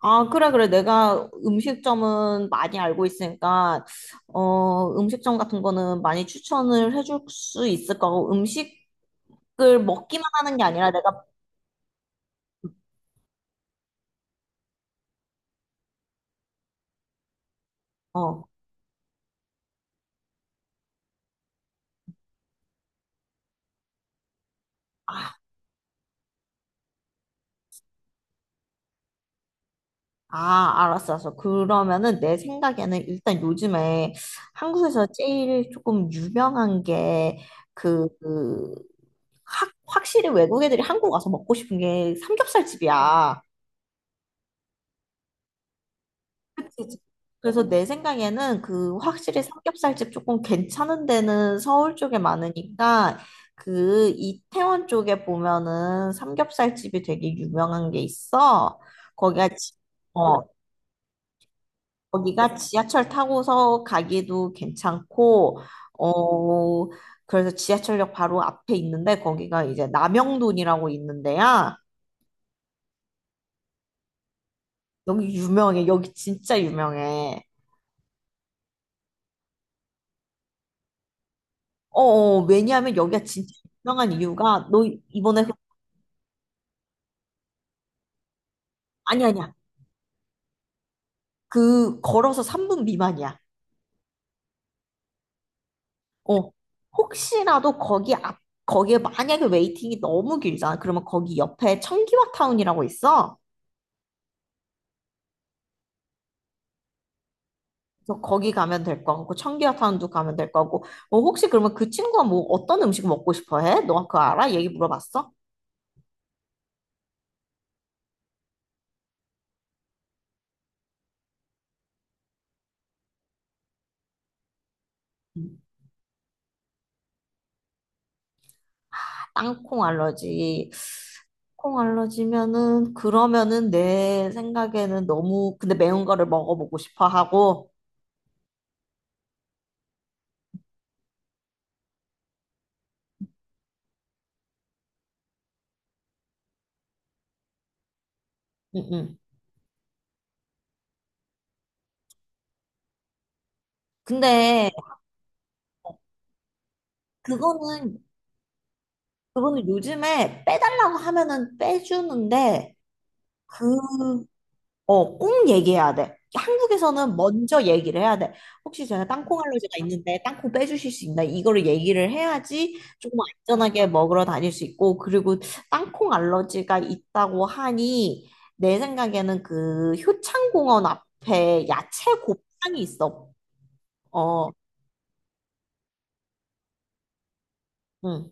아, 그래, 그래. 내가 음식점은 많이 알고 있으니까, 음식점 같은 거는 많이 추천을 해줄 수 있을 거고, 음식을 먹기만 하는 게 아니라 내가, 어, 아, 아, 알았어, 알았어. 그러면은 내 생각에는 일단 요즘에 한국에서 제일 조금 유명한 게, 그, 그, 확실히 외국 애들이 한국 와서 먹고 싶은 게 삼겹살집이야. 그치. 그래서 내 생각에는 그 확실히 삼겹살집 조금 괜찮은 데는 서울 쪽에 많으니까 그 이태원 쪽에 보면은 삼겹살집이 되게 유명한 게 있어. 거기가 지- 어 거기가 지하철 타고서 가기도 괜찮고 어 그래서 지하철역 바로 앞에 있는데 거기가 이제 남영돈이라고 있는데야. 여기 유명해. 여기 진짜 유명해. 어, 어, 왜냐하면 여기가 진짜 유명한 이유가 너 이번에 아니 아니야. 그 걸어서 3분 미만이야. 어. 혹시라도 거기 앞 거기에 만약에 웨이팅이 너무 길잖아. 그러면 거기 옆에 청기화 타운이라고 있어. 그래서 거기 가면 될 거고 청기화 타운도 가면 될 거고. 어, 혹시 그러면 그 친구가 뭐 어떤 음식 먹고 싶어 해? 너 그거 알아? 얘기 물어봤어? 음. 땅콩 알러지. 콩 알러지면은 그러면은 내 생각에는 너무 근데 매운 거를 먹어보고 싶어 하고 응응. 근데 그거는 그거는 요즘에 빼달라고 하면은 빼주는데 그 어, 꼭 얘기해야 돼. 한국에서는 먼저 얘기를 해야 돼. 혹시 제가 땅콩 알러지가 있는데 땅콩 빼주실 수 있나? 이거를 얘기를 해야지 조금 안전하게 먹으러 다닐 수 있고, 그리고 땅콩 알러지가 있다고 하니, 내 생각에는 그 효창공원 앞에 야채 곱창이 있어. 어, 응.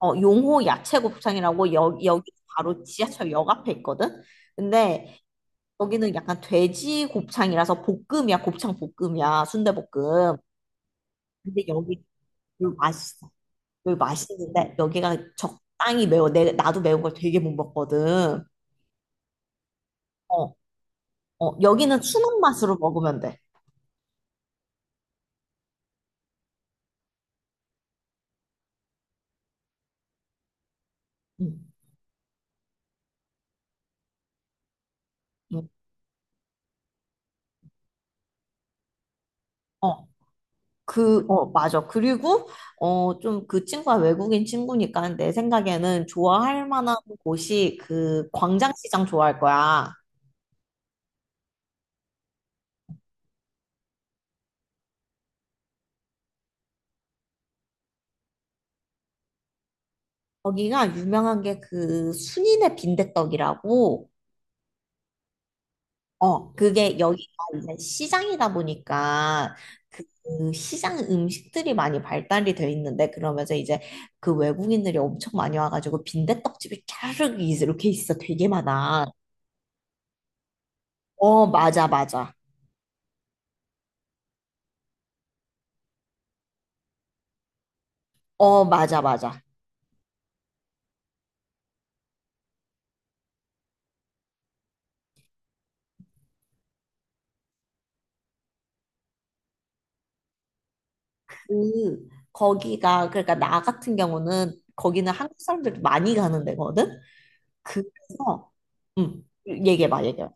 용호 야채 곱창이라고 여기 바로 지하철역 앞에 있거든? 근데 여기는 약간 돼지 곱창이라서 볶음이야, 곱창 볶음이야, 순대볶음. 근데 여기 여기 맛있어. 여기 맛있는데 여기가 적당히 매워. 내 나도 매운 걸 되게 못 먹거든. 어, 어 여기는 추는 맛으로 먹으면 돼. 응, 응. 어, 그, 어, 맞아. 그리고 좀 그 친구가 외국인 친구니까 내 생각에는 좋아할 만한 곳이 그 광장시장 좋아할 거야. 거기가 유명한 게 그 순이네 빈대떡이라고 어, 그게 여기가 이제 시장이다 보니까 그 시장 음식들이 많이 발달이 돼 있는데 그러면서 이제 그 외국인들이 엄청 많이 와가지고 빈대떡집이 쫙 이렇게 있어. 되게 많아. 어, 맞아, 맞아. 어, 맞아, 맞아. 그, 거기가, 그러니까 나 같은 경우는 거기는 한국 사람들도 많이 가는 데거든? 그래서, 얘기해봐, 얘기해봐.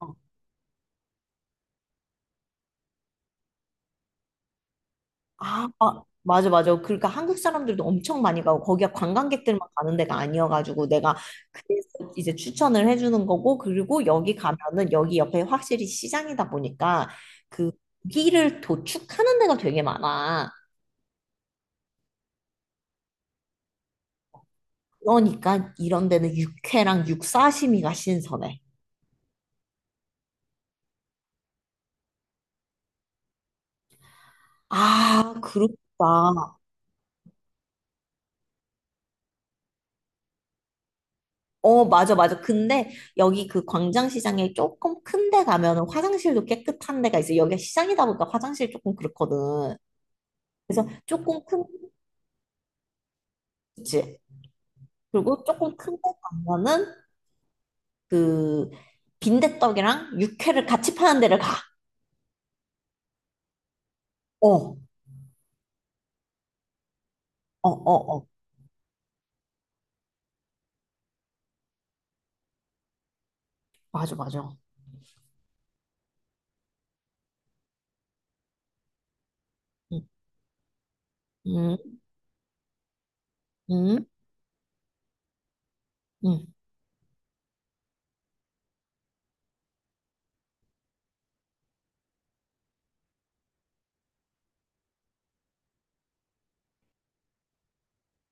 어. 아, 아, 맞아, 맞아. 그러니까 한국 사람들도 엄청 많이 가고, 거기가 관광객들만 가는 데가 아니어가지고, 내가 그래서 이제 추천을 해주는 거고, 그리고 여기 가면은, 여기 옆에 확실히 시장이다 보니까, 그 고기를 도축하는 데가 되게 많아. 그러니까 이런 데는 육회랑 육사시미가 신선해. 아, 그렇다. 어, 맞아, 맞아. 근데 여기 그 광장시장에 조금 큰데 가면은 화장실도 깨끗한 데가 있어. 여기가 시장이다 보니까 화장실 조금 그렇거든. 그래서 조금 큰 그치. 그리고 조금 큰데 가면은 그 빈대떡이랑 육회를 같이 파는 데를 가. 어, 어, 어, 어. 맞아, 맞아. 응, 응, 응. 응.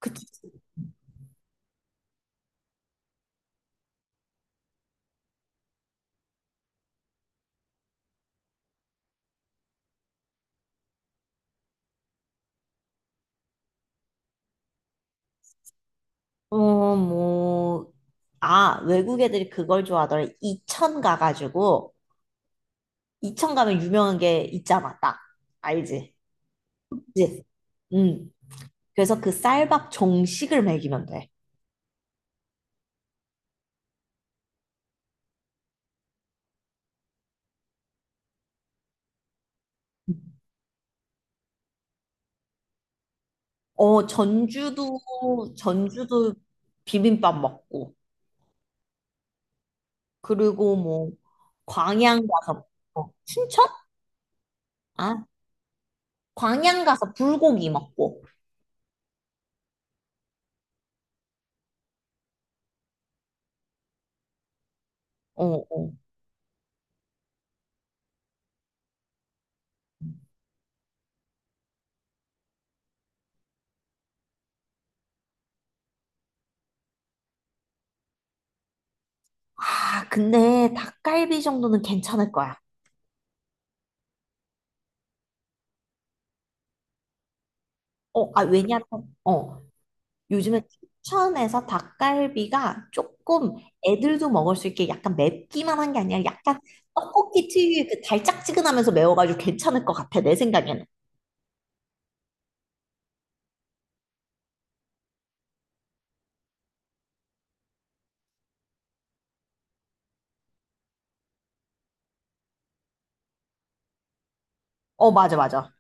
그치. 어, 뭐. 아, 외국 애들이 그걸 좋아하더라. 이천 가가지고, 이천 가면 유명한 게 있잖아, 딱. 알지? 그치? 응. 그래서 그 쌀밥 정식을 먹이면 돼. 어, 전주도, 전주도 비빔밥 먹고. 그리고 뭐 광양 가서 어, 춘천? 아, 광양 가서 불고기 먹고. 어, 어. 아, 근데 닭갈비 정도는 괜찮을 거야. 어, 아, 왜냐면 어, 요즘에 춘천에서 닭갈비가 조금 애들도 먹을 수 있게 약간 맵기만 한 게 아니라 약간 떡볶이 특유의 그 달짝지근하면서 매워가지고 괜찮을 것 같아, 내 생각에는. 어, 맞아, 맞아.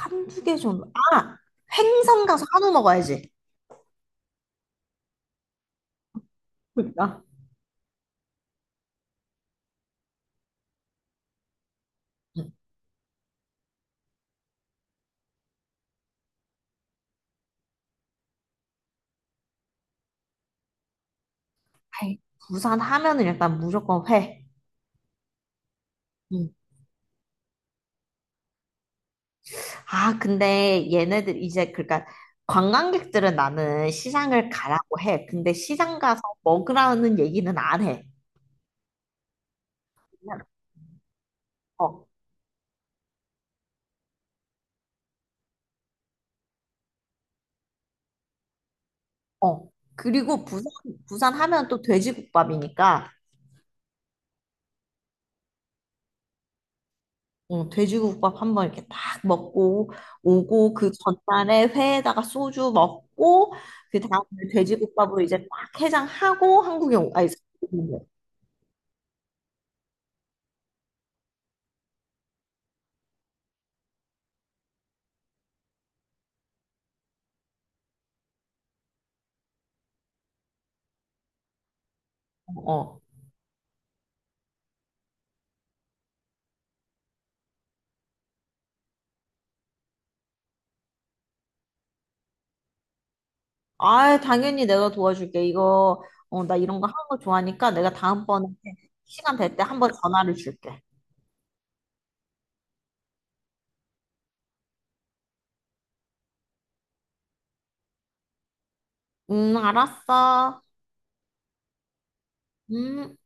한 두 개 정도. 아, 횡성 가서 한우 먹어야지. 그러니까. 응. 회. 부산 하면은 일단 무조건 회. 음. 아, 근데 얘네들 이제 그러니까 관광객들은 나는 시장을 가라고 해. 근데 시장 가서 먹으라는 얘기는 안 해. 그냥, 어, 어. 그리고 부산 부산 하면 또 돼지국밥이니까 응, 돼지국밥 한번 이렇게 딱 먹고 오고 그 전날에 회에다가 소주 먹고 그 다음에 돼지국밥으로 이제 딱 해장하고 한국에 오, 아니, 어. 어. 아, 당연히 내가 도와줄게. 이거, 어, 나 이런 거 하는 거 좋아하니까 내가 다음번에 시간 될 때 한번 전화를 줄게. 알았어. 음.